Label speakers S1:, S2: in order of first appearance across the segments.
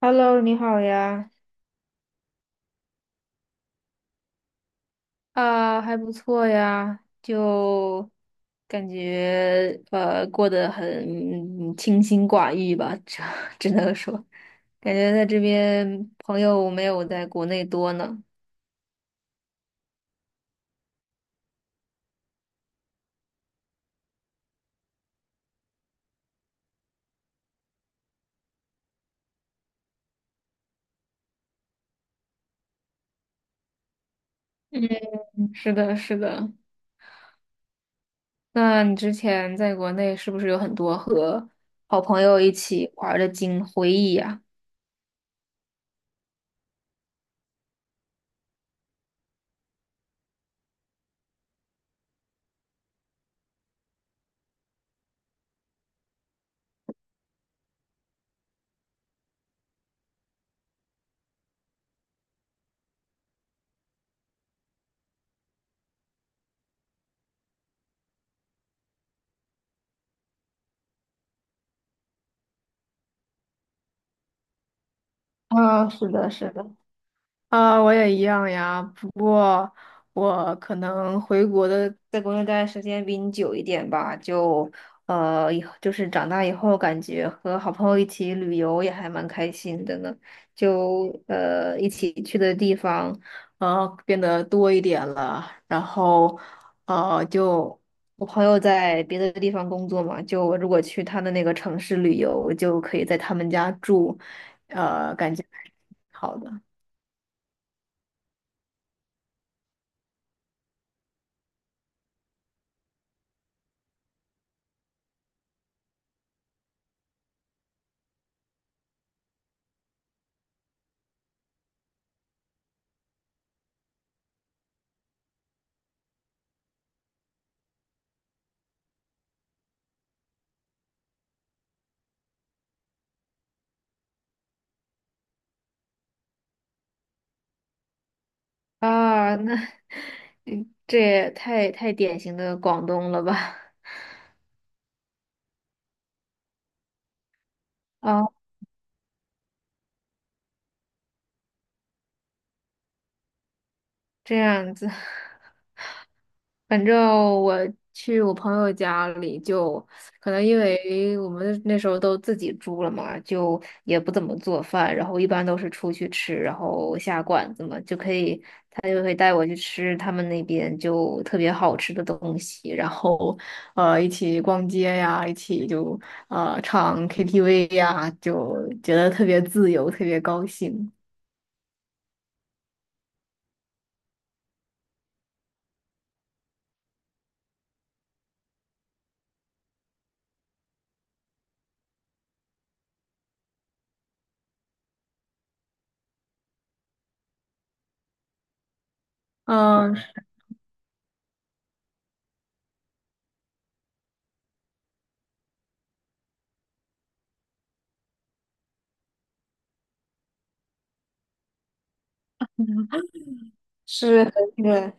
S1: Hello，你好呀。啊，还不错呀，就感觉过得很清心寡欲吧，只 只能说，感觉在这边朋友没有在国内多呢。嗯，是的，是的。那你之前在国内是不是有很多和好朋友一起玩儿的经回忆呀？啊，是的，是的。啊，我也一样呀，不过我可能回国的在国内待的时间比你久一点吧，就呃，以后就是长大以后，感觉和好朋友一起旅游也还蛮开心的呢，就一起去的地方变得多一点了，然后呃就我朋友在别的地方工作嘛，就我如果去他的那个城市旅游，就可以在他们家住，呃，感觉还挺好的。啊，那 这也太典型的广东了吧？啊，这样子。反正我去我朋友家里就，可能因为我们那时候都自己住了嘛，就也不怎么做饭，然后一般都是出去吃，然后下馆子嘛，就可以，他就会带我去吃他们那边就特别好吃的东西，然后一起逛街呀，一起就唱 KTV 呀，就觉得特别自由，特别高兴。嗯，是很远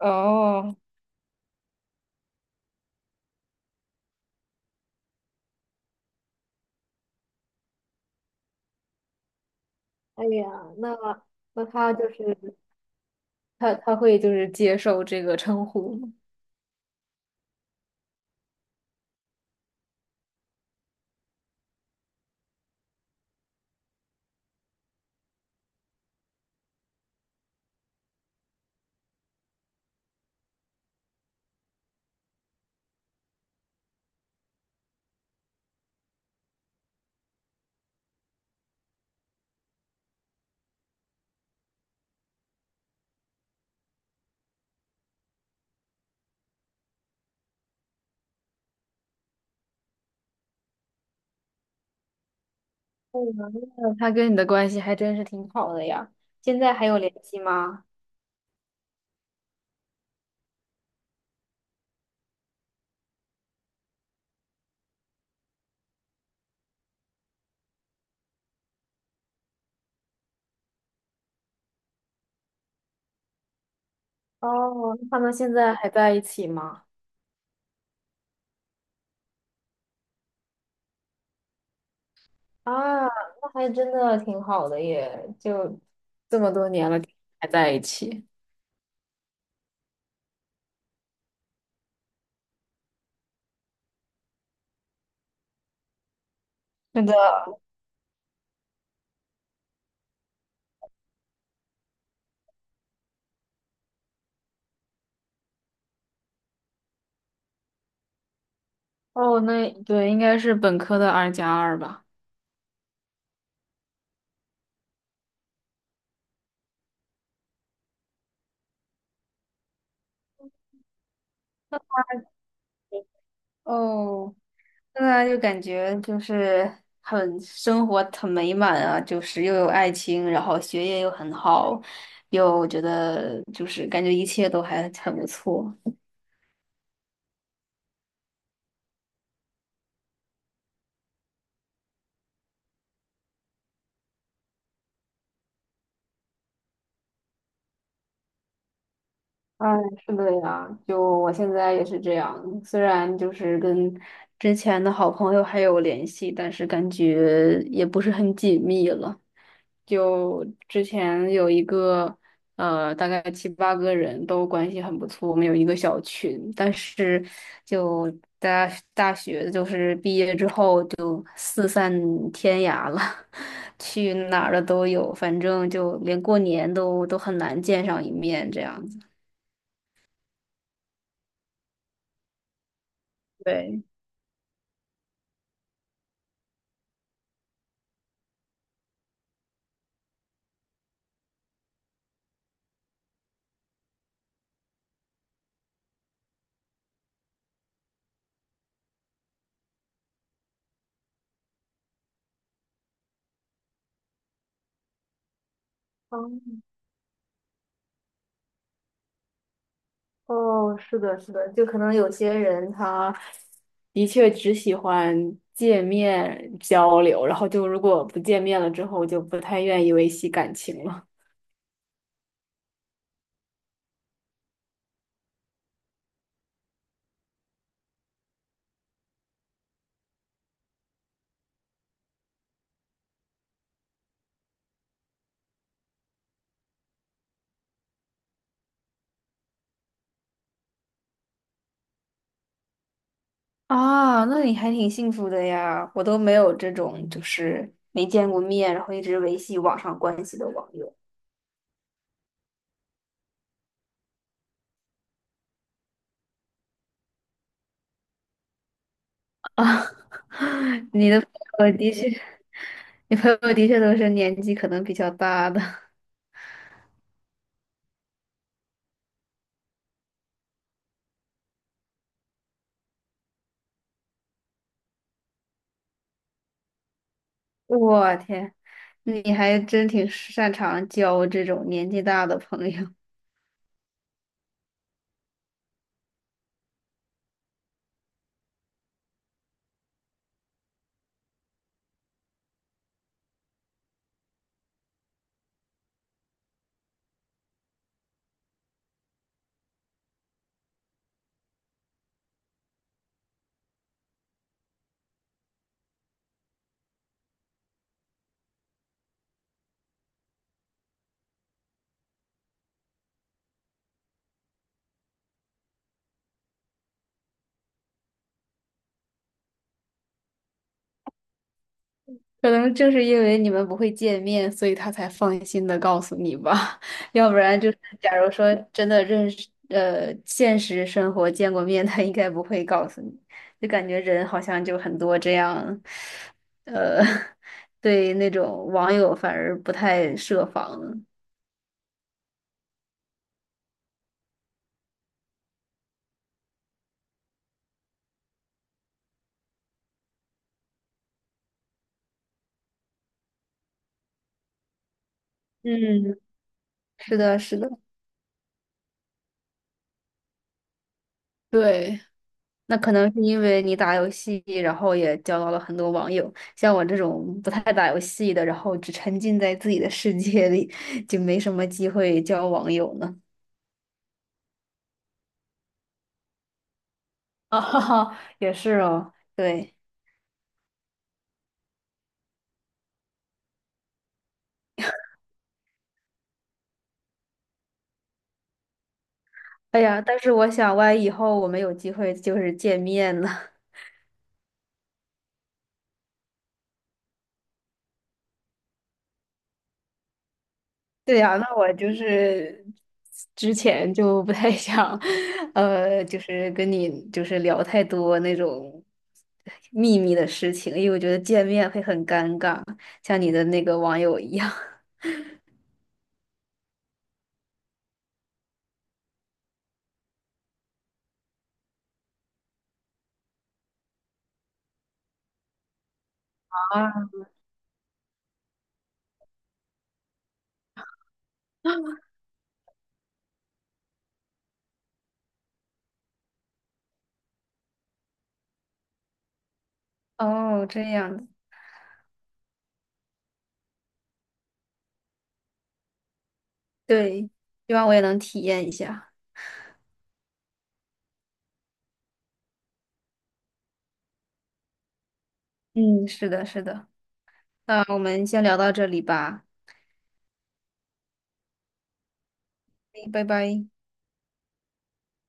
S1: 哦。哎呀，那那他就是他会就是接受这个称呼吗？哦，那他跟你的关系还真是挺好的呀。现在还有联系吗？哦，那他们现在还在一起吗？啊，那还真的挺好的耶，就这么多年了还在一起。是的。哦，那对，应该是本科的二加二吧。哦，现在就感觉就是很生活很美满啊，就是又有爱情，然后学业又很好，又觉得就是感觉一切都还很不错。哎，是的呀，就我现在也是这样，虽然就是跟之前的好朋友还有联系，但是感觉也不是很紧密了。就之前有一个呃，大概七八个人都关系很不错，我们有一个小群，但是就大大学就是毕业之后就四散天涯了，去哪儿的都有，反正就连过年都很难见上一面这样子。对。哦哦，是的，是的，就可能有些人他的确只喜欢见面交流，然后就如果不见面了之后，就不太愿意维系感情了。啊，那你还挺幸福的呀，我都没有这种就是没见过面，然后一直维系网上关系的网友。啊，你的朋友的确，你朋友的确都是年纪可能比较大的。我天，你还真挺擅长交这种年纪大的朋友。可能正是因为你们不会见面，所以他才放心的告诉你吧。要不然就是，假如说真的认识，呃，现实生活见过面，他应该不会告诉你。就感觉人好像就很多这样，呃，对那种网友反而不太设防。嗯，是的，是的。对。那可能是因为你打游戏，然后也交到了很多网友。像我这种不太打游戏的，然后只沉浸在自己的世界里，就没什么机会交网友呢。啊，哈哈，也是哦。对，哎呀，但是我想，万一以后我们有机会就是见面呢，对呀，那我就是之前就不太 想，呃，就是跟你就是聊太多那种秘密的事情，因为我觉得见面会很尴尬，像你的那个网友一样。啊，哦，这样子，对，希望我也能体验一下。嗯，是的，是的。那我们先聊到这里吧，嗯拜拜。